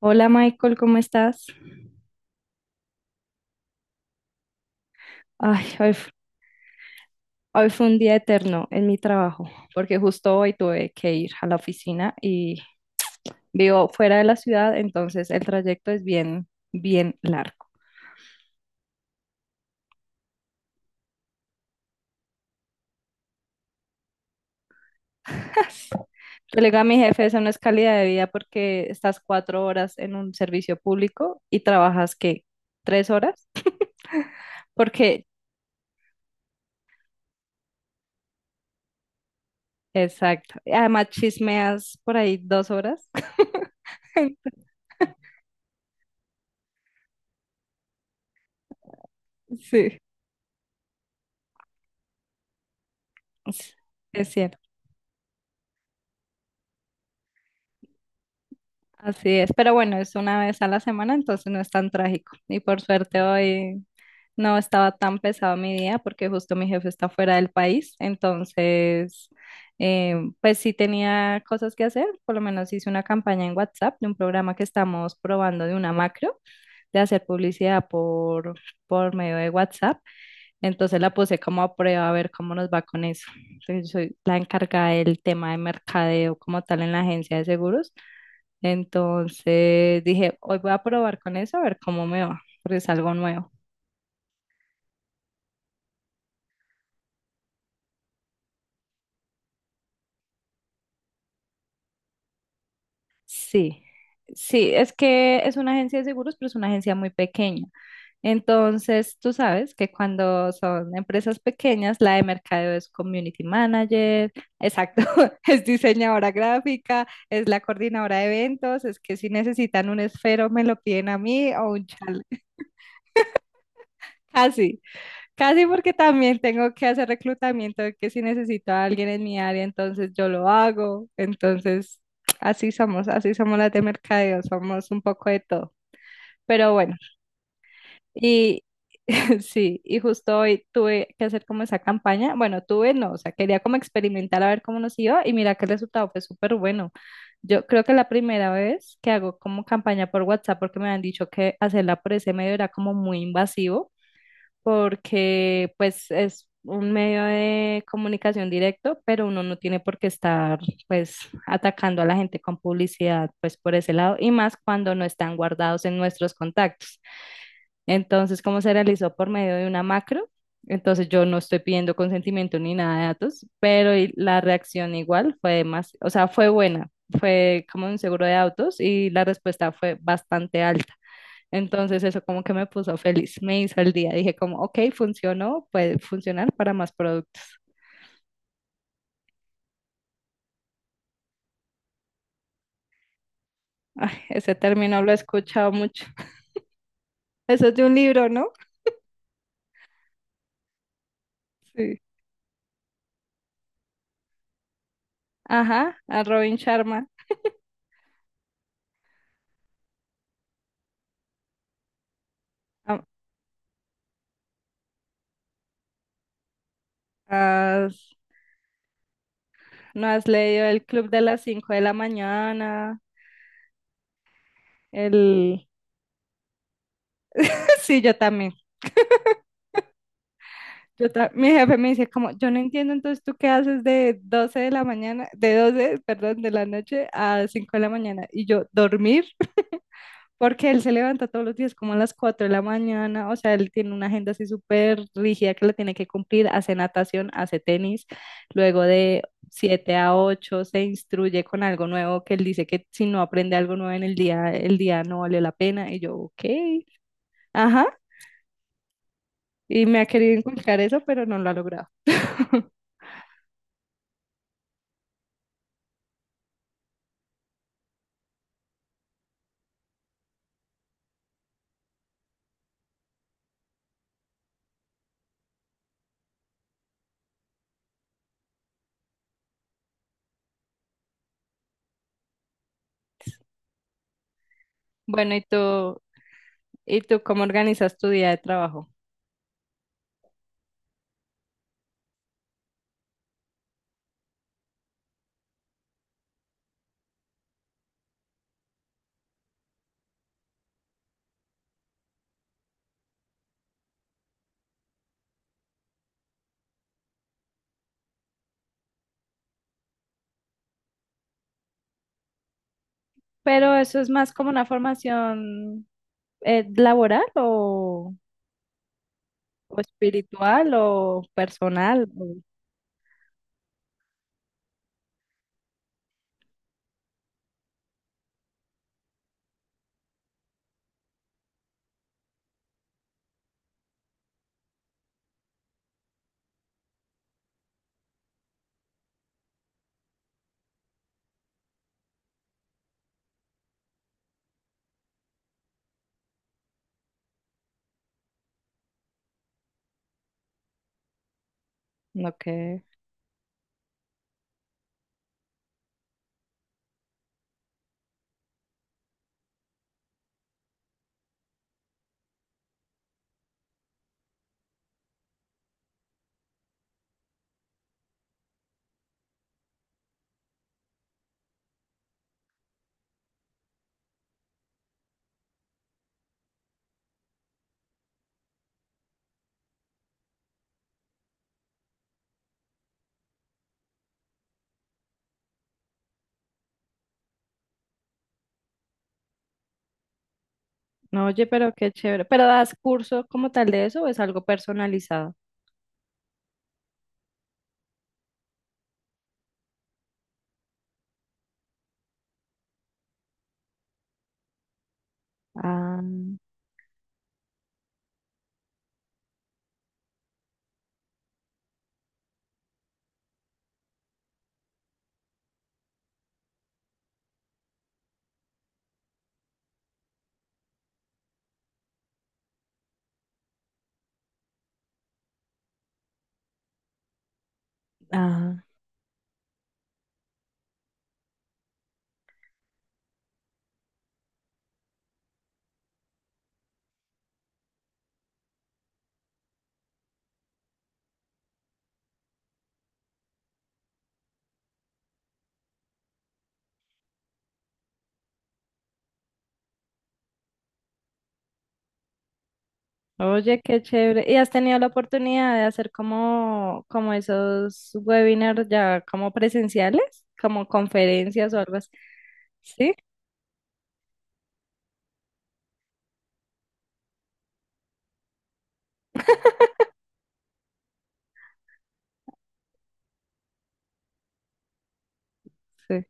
Hola Michael, ¿cómo estás? Ay, hoy, hoy fue un día eterno en mi trabajo, porque justo hoy tuve que ir a la oficina y vivo fuera de la ciudad, entonces el trayecto es bien, bien largo. Yo le digo a mi jefe, eso no es calidad de vida porque estás 4 horas en un servicio público y trabajas, ¿qué? ¿3 horas? Porque, exacto. Además chismeas por ahí 2 horas. Sí, es cierto. Así es, pero bueno, es una vez a la semana, entonces no es tan trágico. Y por suerte hoy no estaba tan pesado mi día porque justo mi jefe está fuera del país, entonces pues sí tenía cosas que hacer, por lo menos hice una campaña en WhatsApp de un programa que estamos probando de una macro, de hacer publicidad por medio de WhatsApp, entonces la puse como a prueba a ver cómo nos va con eso. Entonces, soy la encargada del tema de mercadeo como tal en la agencia de seguros. Entonces dije, hoy voy a probar con eso a ver cómo me va, porque es algo nuevo. Sí, sí, es que es una agencia de seguros, pero es una agencia muy pequeña. Entonces, tú sabes que cuando son empresas pequeñas, la de mercadeo es community manager, exacto, es diseñadora gráfica, es la coordinadora de eventos, es que si necesitan un esfero me lo piden a mí o un chal, así. Casi porque también tengo que hacer reclutamiento, de que si necesito a alguien en mi área, entonces yo lo hago. Entonces, así somos las de mercadeo, somos un poco de todo. Pero bueno, y sí, y justo hoy tuve que hacer como esa campaña. Bueno, tuve no, o sea, quería como experimentar a ver cómo nos iba y mira que el resultado fue súper bueno. Yo creo que la primera vez que hago como campaña por WhatsApp, porque me han dicho que hacerla por ese medio era como muy invasivo porque pues es un medio de comunicación directo, pero uno no tiene por qué estar pues atacando a la gente con publicidad pues por ese lado y más cuando no están guardados en nuestros contactos. Entonces, como se realizó por medio de una macro, entonces yo no estoy pidiendo consentimiento ni nada de datos, pero y la reacción igual fue más, o sea, fue buena, fue como un seguro de autos y la respuesta fue bastante alta. Entonces eso como que me puso feliz, me hizo el día. Dije como, ok, funcionó, puede funcionar para más productos. Ay, ese término lo he escuchado mucho. Eso es de un libro, ¿no? Sí. Ajá, a Robin Sharma. Ah, ¿Has, ¿no has leído El Club de las cinco de la mañana? El... Sí, yo también. Mi jefe me dice como, yo no entiendo, entonces tú qué haces de 12 de la mañana, de 12 perdón, de la noche a 5 de la mañana. Y yo, dormir. Porque él se levanta todos los días como a las 4 de la mañana, o sea, él tiene una agenda así súper rígida que la tiene que cumplir, hace natación, hace tenis, luego de 7 a 8 se instruye con algo nuevo que él dice que si no aprende algo nuevo en el día no vale la pena. Y yo, ok, ajá, y me ha querido inculcar eso, pero no lo ha logrado. Bueno, ¿y tú cómo organizas tu día de trabajo? Pero eso es más como una formación laboral o espiritual o personal. Ok. No, oye, pero qué chévere. ¿Pero das curso como tal de eso o es algo personalizado? Ah, ah. Oye, qué chévere. ¿Y has tenido la oportunidad de hacer como, como esos webinars ya como presenciales? Como conferencias o algo así. Sí, sí,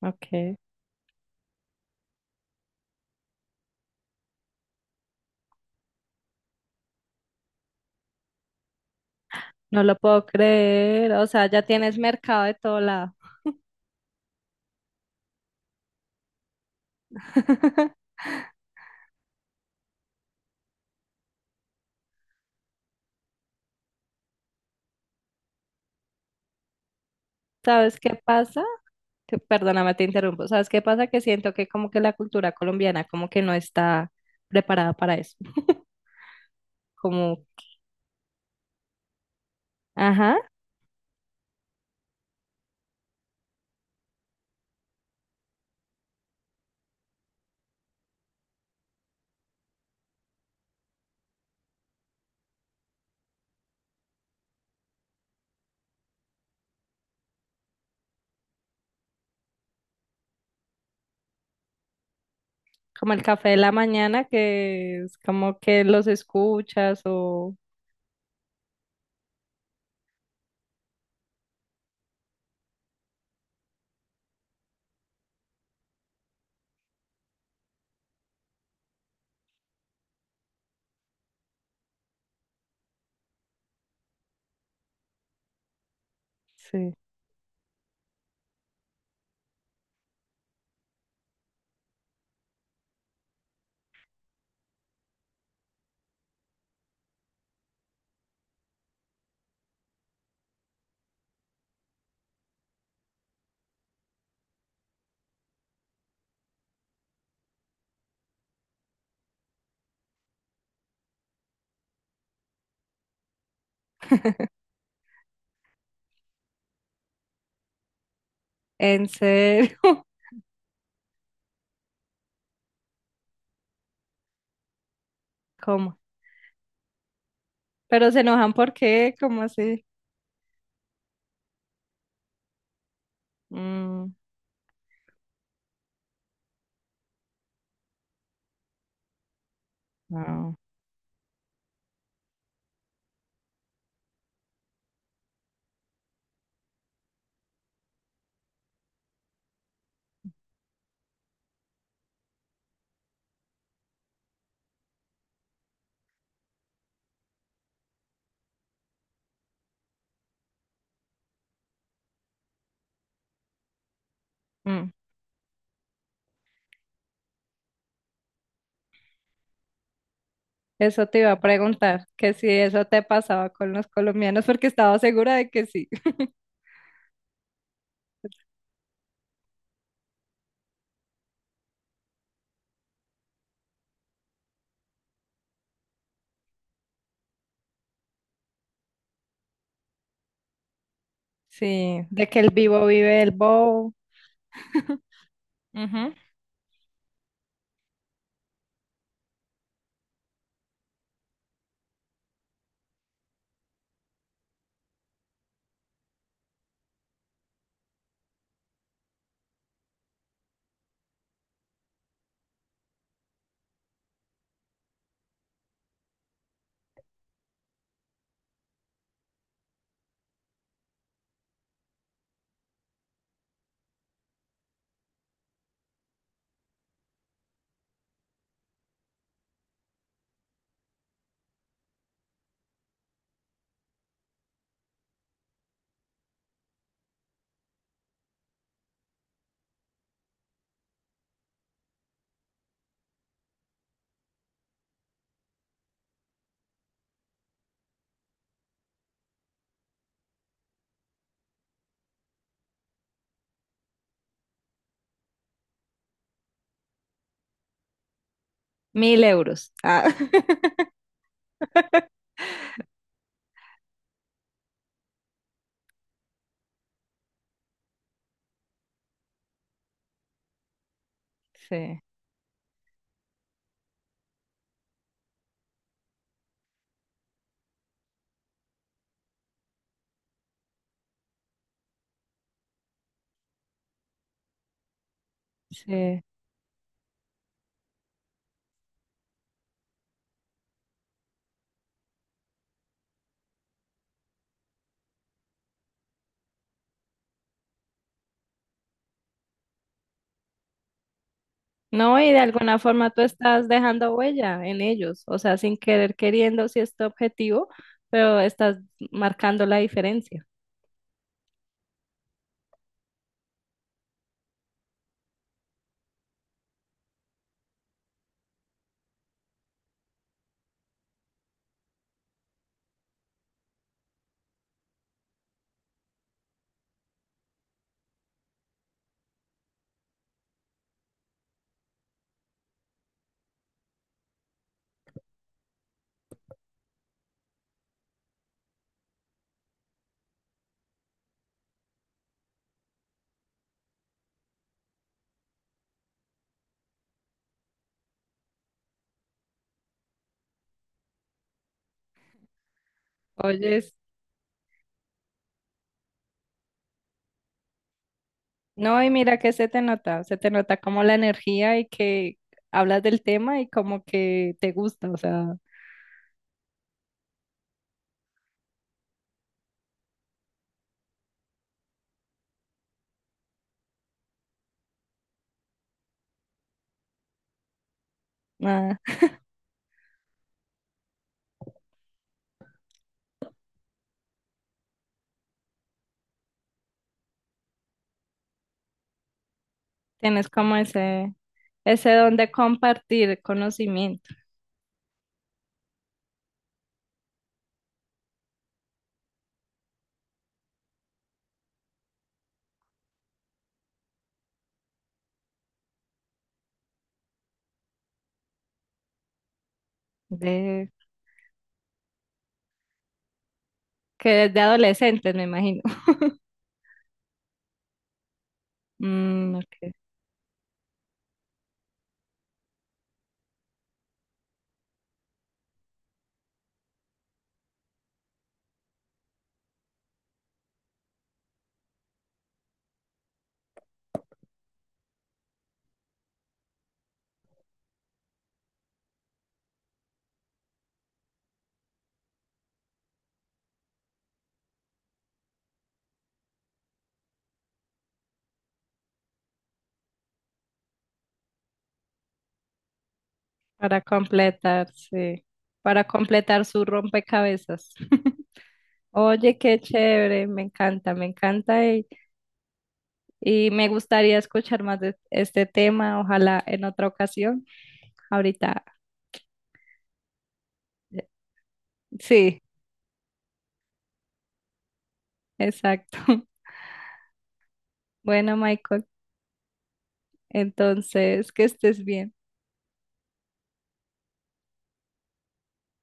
ok. No lo puedo creer. O sea, ya tienes mercado de todo lado. ¿Sabes qué pasa? Perdóname, te interrumpo. ¿Sabes qué pasa? Que siento que como que la cultura colombiana como que no está preparada para eso. Como, ajá, como el café de la mañana que es como que los escuchas o sí. ¿En serio? ¿Cómo? Pero se enojan porque, ¿cómo así? Mm, no. Mm. Eso te iba a preguntar, que si eso te pasaba con los colombianos, porque estaba segura de que sí. Sí, de que el vivo vive el bobo. 1.000 euros. Ah. Sí, sí. No, y de alguna forma tú estás dejando huella en ellos, o sea, sin querer queriendo, si es tu objetivo, pero estás marcando la diferencia. Oye, no, y mira que se te nota como la energía y que hablas del tema y como que te gusta, o sea, ah, tienes como ese don de compartir conocimiento, de que desde adolescentes me imagino. Mm, ok. Para completar, sí, para completar su rompecabezas. Oye, qué chévere, me encanta y me gustaría escuchar más de este tema, ojalá en otra ocasión. Ahorita. Sí, exacto. Bueno, Michael, entonces, que estés bien.